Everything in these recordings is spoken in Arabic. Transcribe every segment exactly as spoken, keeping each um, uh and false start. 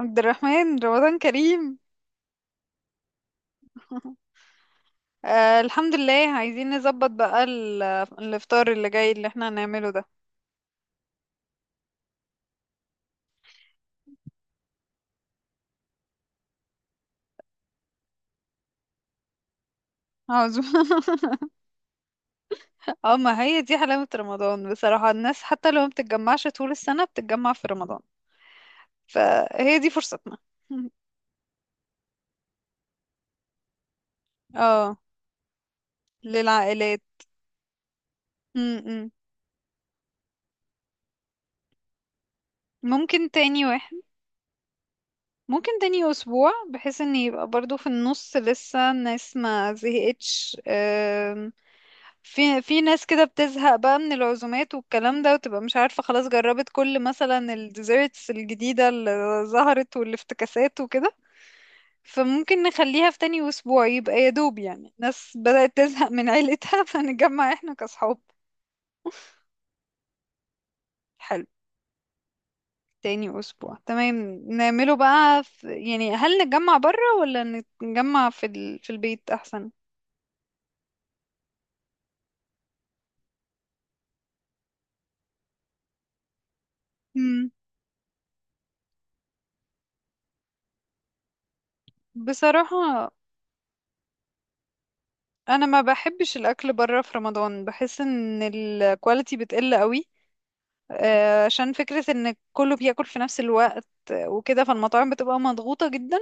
عبد الرحمن رمضان كريم. آه، الحمد لله. عايزين نظبط بقى ال- الافطار اللي جاي اللي احنا هنعمله ده. عاوز. اه، ما هي دي حلاوة رمضان بصراحة، الناس حتى لو ما بتتجمعش طول السنة بتتجمع في رمضان، فهي دي فرصتنا. اه، للعائلات. م -م. ممكن تاني واحد. ممكن تاني اسبوع بحيث ان يبقى برضو في النص لسه الناس ما زهقتش، آم، في في ناس كده بتزهق بقى من العزومات والكلام ده، وتبقى مش عارفة خلاص جربت كل مثلا الديزيرتس الجديدة اللي ظهرت والافتكاسات وكده. فممكن نخليها في تاني أسبوع، يبقى يا دوب يعني الناس بدأت تزهق من عيلتها. فنتجمع احنا كأصحاب. حلو. تاني أسبوع، تمام. نعمله بقى في، يعني هل نتجمع برا ولا نتجمع في ال... في البيت أحسن؟ مم. بصراحة، أنا ما بحبش الأكل برا في رمضان، بحس إن الكواليتي بتقل قوي، آه، عشان فكرة ان كله بياكل في نفس الوقت وكده، فالمطاعم بتبقى مضغوطة جدا،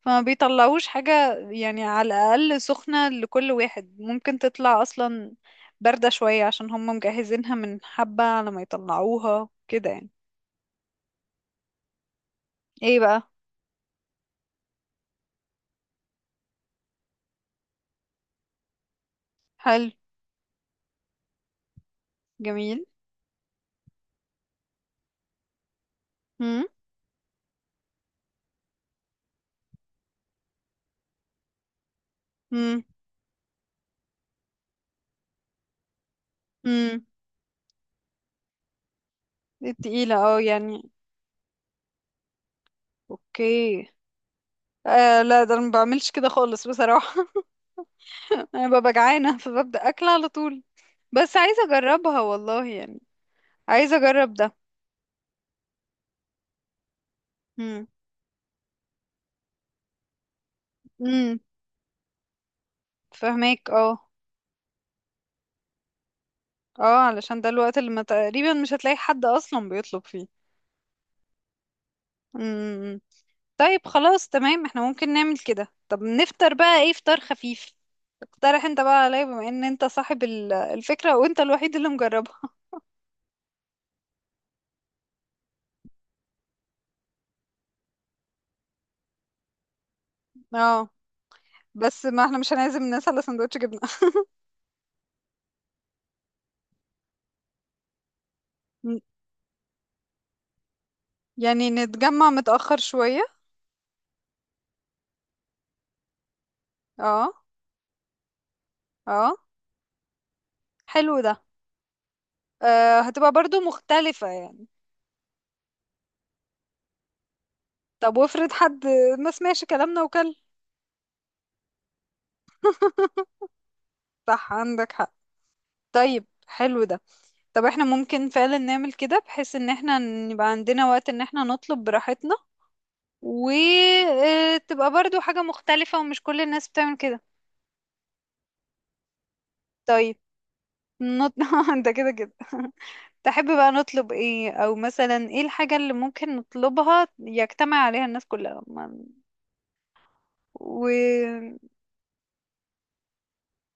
فما بيطلعوش حاجة يعني على الأقل سخنة لكل واحد، ممكن تطلع أصلا باردة شوية عشان هم مجهزينها من حبة على ما يطلعوها كده يعني. ايه بقى؟ حلو. جميل. هم. هم. هم. التقيلة، اه يعني. اوكي. آه، لا، ده انا ما بعملش كده خالص بصراحة. انا ببقى جعانة فببدأ اكل على طول، بس عايزة اجربها والله يعني. عايزة اجرب ده. امم امم فهماك، اه. اه، علشان ده الوقت اللي ما تقريبا مش هتلاقي حد اصلا بيطلب فيه. امم طيب، خلاص، تمام، احنا ممكن نعمل كده. طب نفطر بقى ايه، فطار خفيف؟ اقترح انت بقى عليا بما ان انت صاحب ال- الفكرة، وانت الوحيد اللي مجربها. اه. بس ما احنا مش هنعزم الناس على سندوتش جبنة. م- يعني نتجمع متأخر شوية. اه، اه، حلو ده. آه، هتبقى برضو مختلفة يعني. طب وافرض حد ما سمعش كلامنا وكل؟ صح، عندك حق. طيب، حلو ده. طب احنا ممكن فعلا نعمل كده، بحيث ان احنا يبقى عندنا وقت ان احنا نطلب براحتنا، وتبقى برضو حاجة مختلفة ومش كل الناس بتعمل كده. طيب نط... انت كده كده. تحب بقى نطلب ايه، او مثلا ايه الحاجة اللي ممكن نطلبها يجتمع عليها الناس كلها ما- و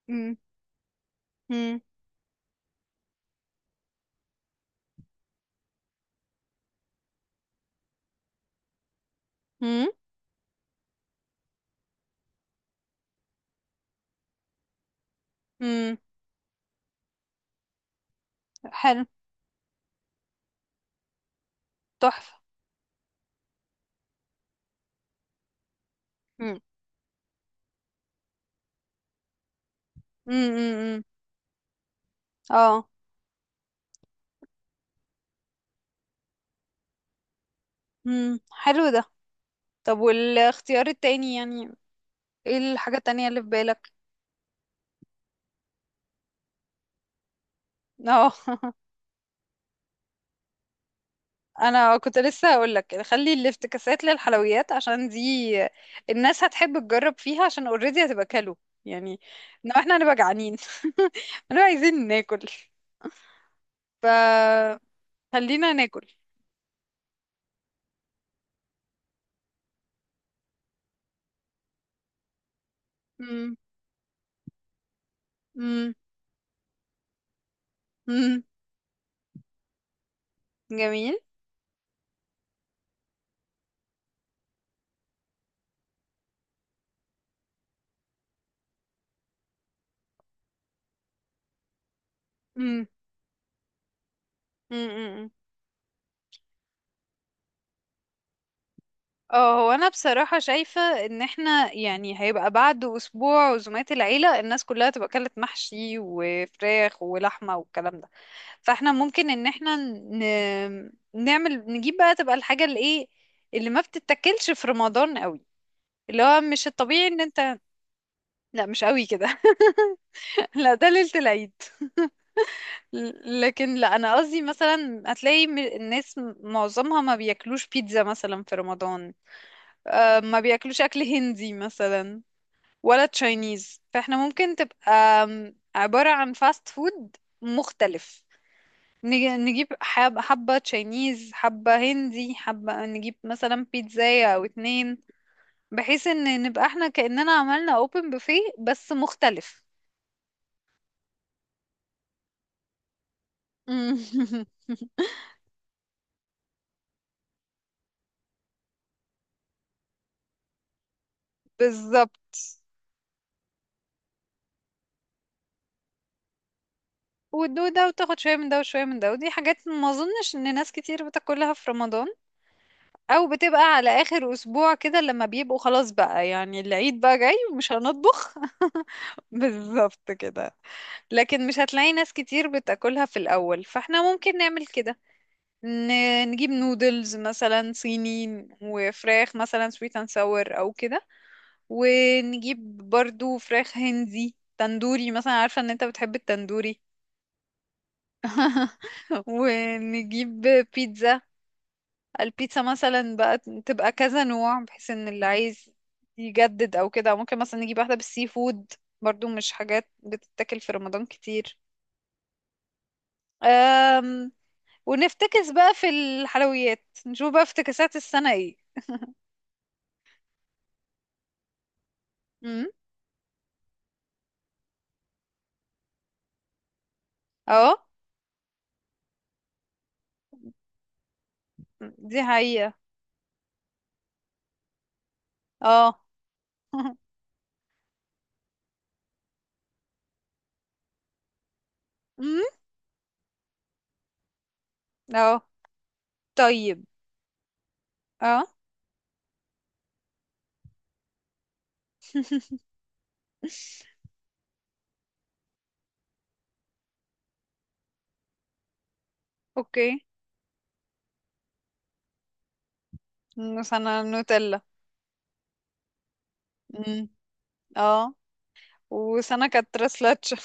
مم. مم. مم. مم. حلو. تحفة. مم. مم. مم. مم. اه. مم. حلو ده. طب والاختيار التاني يعني، ايه الحاجة التانية اللي في بالك؟ اه. انا كنت لسه هقولك خلي الافتكاسات للحلويات، عشان دي الناس هتحب تجرب فيها، عشان اوريدي هتبقى كلو يعني، ان احنا هنبقى جعانين. هنبقى عايزين ناكل، فخلينا ناكل. امم. امم. امم. جميل. امم. اه، هو انا بصراحة شايفة ان احنا يعني هيبقى بعد اسبوع عزومات العيلة، الناس كلها تبقى اكلت محشي وفراخ ولحمة والكلام ده. فاحنا ممكن ان احنا ن... نعمل، نجيب بقى، تبقى الحاجة اللي ايه، اللي ما بتتاكلش في رمضان قوي، اللي هو مش الطبيعي ان انت. لا، مش قوي كده. لا، ده ليلة العيد. ل- لكن لا، انا قصدي مثلا هتلاقي م- الناس م- معظمها ما بياكلوش بيتزا مثلا في رمضان، آه، ما بياكلوش اكل هندي مثلا، ولا تشاينيز. فاحنا ممكن تبقى أم، عبارة عن فاست فود مختلف. نج- نجيب حب- حبة تشاينيز، حبة هندي، حبة نجيب مثلا بيتزاية أو اتنين، بحيث ان نبقى احنا كأننا عملنا اوبن بوفيه بس مختلف. بالظبط. وتدوق ده وتاخد شوية من ده وشوية من ده، ودي حاجات ما اظنش ان ناس كتير بتاكلها في رمضان، او بتبقى على اخر اسبوع كده لما بيبقوا خلاص بقى، يعني العيد بقى جاي ومش هنطبخ. بالظبط كده. لكن مش هتلاقي ناس كتير بتاكلها في الاول، فاحنا ممكن نعمل كده. ن- نجيب نودلز مثلا صيني، وفراخ مثلا سويت اند ساور او كده، ونجيب برضو فراخ هندي تندوري مثلا، عارفة ان انت بتحب التندوري. ونجيب بيتزا. البيتزا مثلا بقى تبقى كذا نوع، بحيث ان اللي عايز يجدد او كده ممكن مثلا نجيب واحدة بالسي فود، برضو مش حاجات بتتاكل في رمضان كتير. أم ونفتكس بقى في الحلويات، نشوف بقى افتكاسات السنة ايه. امم. اه. دي حقيقة. اه. امم. اه، طيب. اه. اوكي. سنة نوتيلا. امم. اه. وسنة كانت راسلاتش.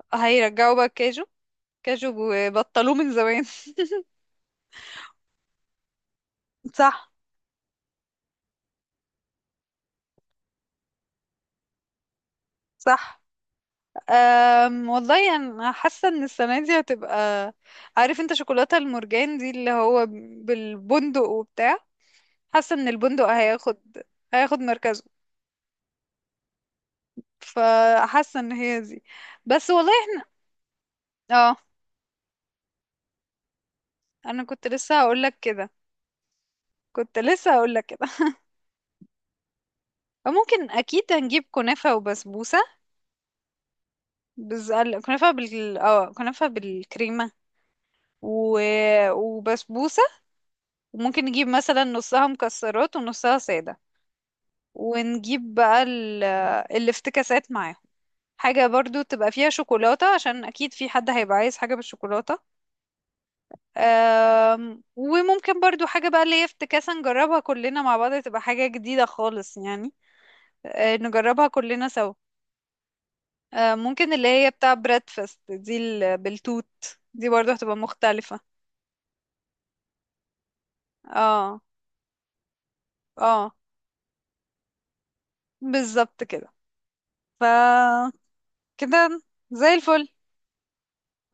هيرجعوا بقى الكاجو. كاجو بطلوه من زمان. صح، صح. أم والله انا حاسه ان السنه دي هتبقى، عارف انت شوكولاته المرجان دي اللي هو بالبندق وبتاع، حاسه ان البندق هياخد هياخد مركزه. فحاسه ان هي دي. بس والله احنا، اه. انا كنت لسه هقول لك كده، كنت لسه هقول لك كده. ممكن اكيد هنجيب كنافه وبسبوسه. بز... كنافه بال اه كنافه بالكريمه. و... وبسبوسه. وممكن نجيب مثلا نصها مكسرات ونصها ساده، ونجيب بقى ال- الافتكاسات معاهم، حاجة برضو تبقى فيها شوكولاتة عشان أكيد في حد هيبقى عايز حاجة بالشوكولاتة. أم، وممكن برضو حاجة بقى اللي هي افتكاسة نجربها كلنا مع بعض، تبقى حاجة جديدة خالص يعني. أه، نجربها كلنا سوا. أه، ممكن اللي هي بتاع بريدفاست دي ال- بالتوت دي برضو هتبقى مختلفة. اه، اه، بالظبط كده. ف كده زي الفل.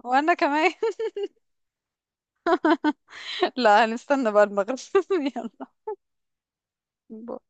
وانا كمان. لا، هنستنى بقى المغرب. يلا.